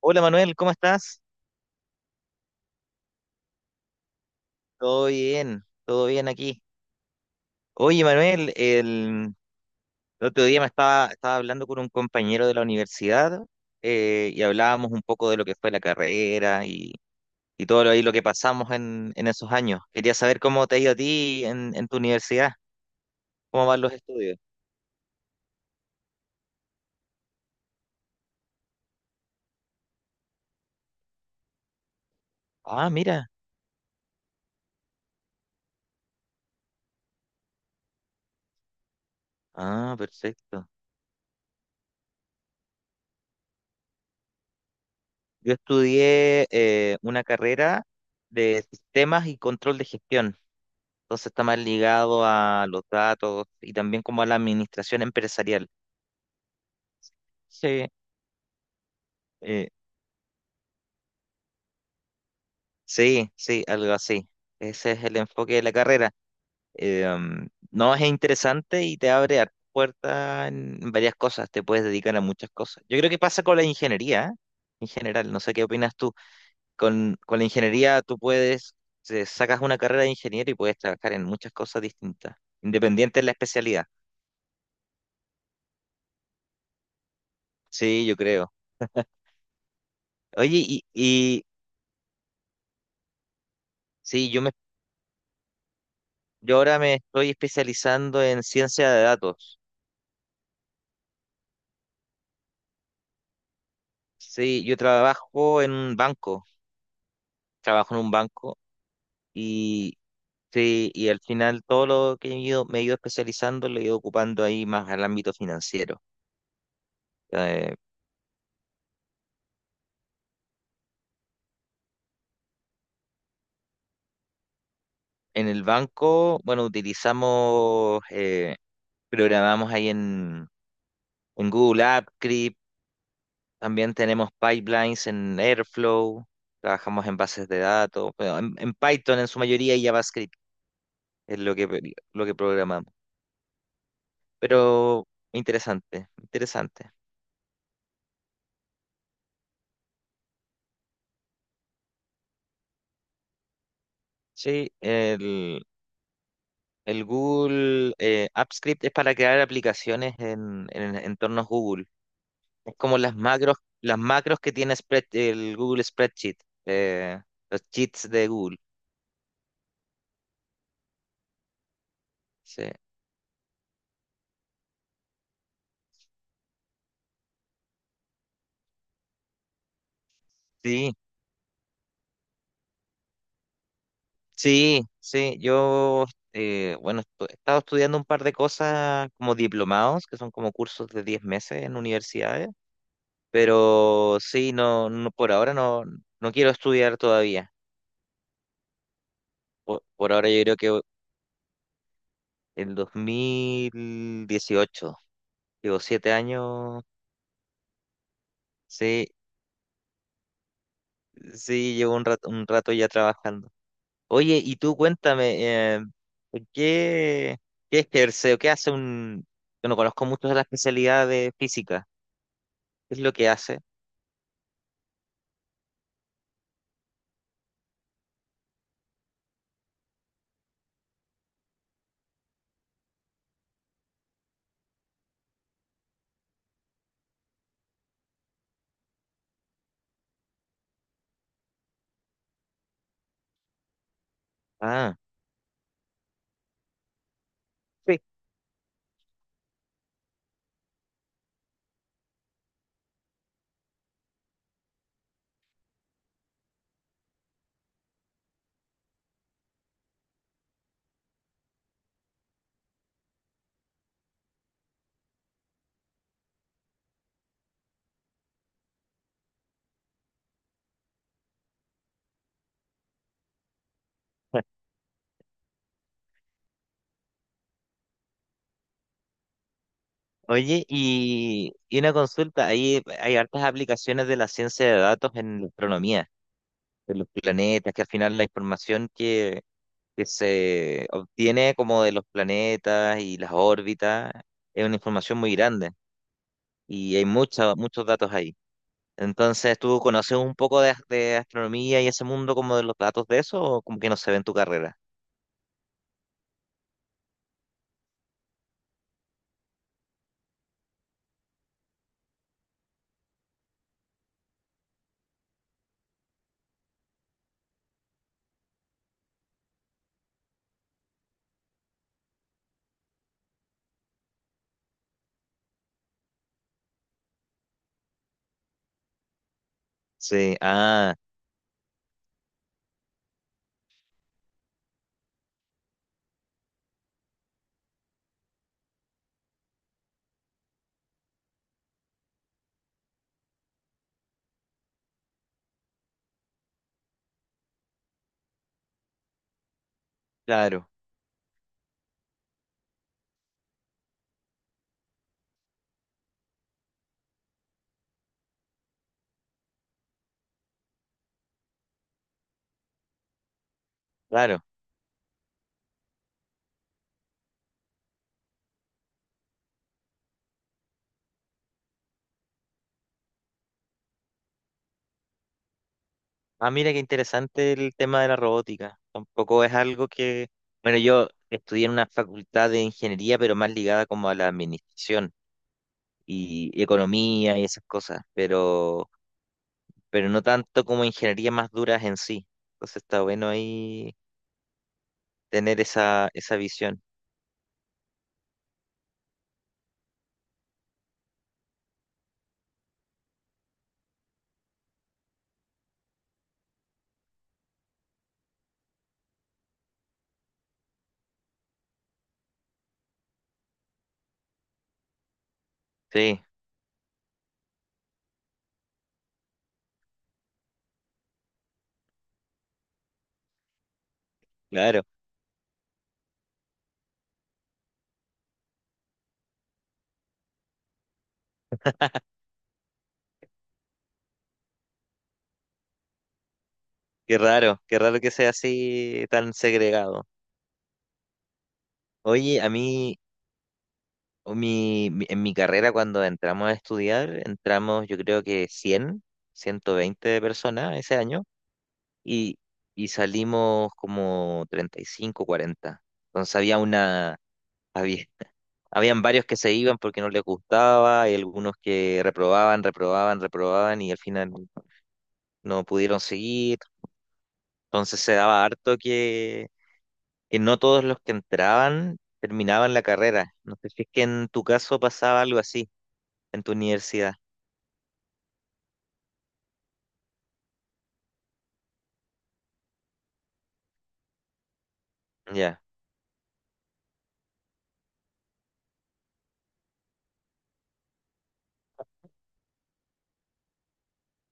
Hola Manuel, ¿cómo estás? Todo bien aquí. Oye Manuel, el otro día estaba hablando con un compañero de la universidad y hablábamos un poco de lo que fue la carrera y todo lo, ahí lo que pasamos en esos años. Quería saber cómo te ha ido a ti en tu universidad, cómo van los estudios. Ah, mira. Ah, perfecto. Yo estudié una carrera de sistemas y control de gestión. Entonces está más ligado a los datos y también como a la administración empresarial. Sí. Eh, sí, sí, algo así. Ese es el enfoque de la carrera. No, es interesante y te abre hartas puertas en varias cosas. Te puedes dedicar a muchas cosas. Yo creo que pasa con la ingeniería, ¿eh? En general, no sé qué opinas tú. Con la ingeniería tú puedes, sacas una carrera de ingeniero y puedes trabajar en muchas cosas distintas, independiente de la especialidad. Sí, yo creo. Oye, y sí, yo me. Yo ahora me estoy especializando en ciencia de datos. Sí, yo trabajo en un banco, trabajo en un banco y sí, y al final todo lo que he ido, me he ido especializando lo he ido ocupando ahí más al ámbito financiero. Eh, en el banco, bueno, utilizamos, programamos en Google App, Script, también tenemos pipelines en Airflow, trabajamos en bases de datos, bueno, en Python en su mayoría y JavaScript es lo que programamos. Pero interesante, interesante. Sí, el Google App Script es para crear aplicaciones en entornos Google. Es como las macros que tiene el Google Spreadsheet, eh, los cheats de Google. Sí, sí, sí, sí. Yo, bueno, he estado estudiando un par de cosas como diplomados, que son como cursos de 10 meses en universidades, pero sí, no, no por ahora no, no quiero estudiar todavía. Por ahora yo creo que el 2018, digo, 7 años, sí, sí, llevo un rato ya trabajando. Oye, y tú cuéntame, ¿qué, qué ejerce o qué hace un... Yo no conozco mucho de la especialidad de física, ¿qué es lo que hace? Ah, sí. Oye, y una consulta, ahí hay hartas aplicaciones de la ciencia de datos en la astronomía, de los planetas, que al final la información que se obtiene como de los planetas y las órbitas, es una información muy grande y hay mucha, muchos datos ahí. Entonces, ¿tú conoces un poco de, de astronomía y ese mundo como de los datos de eso o como que no se ve en tu carrera? Sí, ah, claro, claro. Ah, mira qué interesante el tema de la robótica. Tampoco es algo que, bueno, yo estudié en una facultad de ingeniería, pero más ligada como a la administración y economía y esas cosas, pero no tanto como ingeniería más duras en sí. Entonces está bueno ahí tener esa, esa visión. Sí, claro, qué raro que sea así tan segregado. Oye, a mí, o en mi carrera cuando entramos a estudiar, entramos yo creo que 100, 120 personas ese año y, y salimos como 35, 40. Entonces había- Habían varios que se iban porque no les gustaba, y algunos que reprobaban, reprobaban, reprobaban y al final no pudieron seguir. Entonces se daba harto que no todos los que entraban terminaban la carrera. No sé si es que en tu caso pasaba algo así en tu universidad. Ya.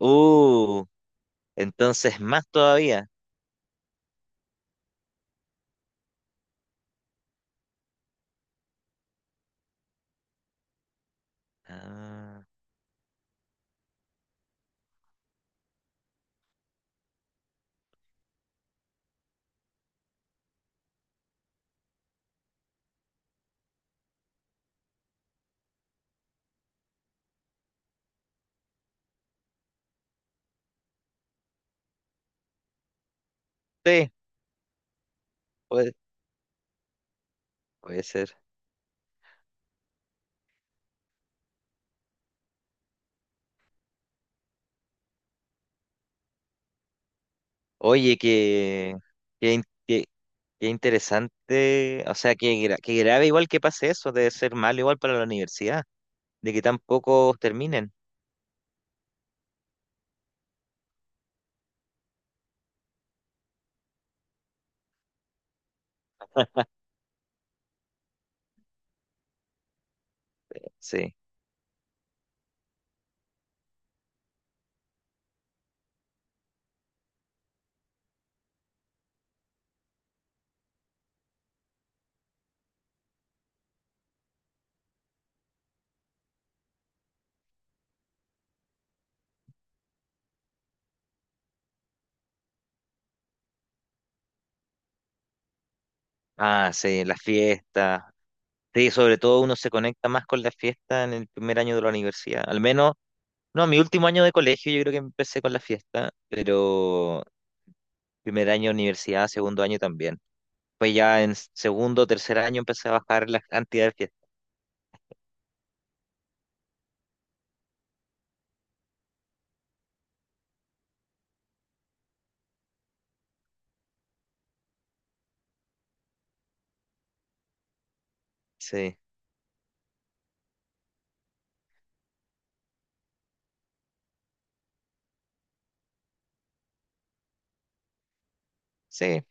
Uh, entonces más todavía. Ah, sí, puede, puede ser. Oye, qué, in- qué- qué interesante, o sea, qué grave igual que pase eso, debe ser malo igual para la universidad, de que tan pocos terminen. Sí. Ah, sí, las fiestas. Sí, sobre todo uno se conecta más con las fiestas en el primer año de la universidad. Al menos, no, mi último año de colegio yo creo que empecé con la fiesta, pero primer año de universidad, segundo año también. Pues ya en segundo, tercer año empecé a bajar la cantidad de fiestas. Sí, sí.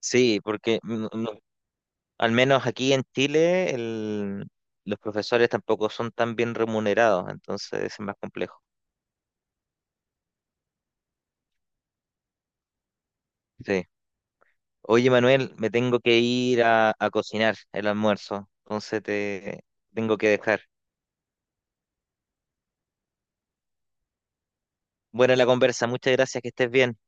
Sí, porque no, al menos aquí en Chile, los profesores tampoco son tan bien remunerados, entonces es más complejo. Sí. Oye, Manuel, me tengo que ir a cocinar el almuerzo, entonces te tengo que dejar. Buena la conversa, muchas gracias, que estés bien.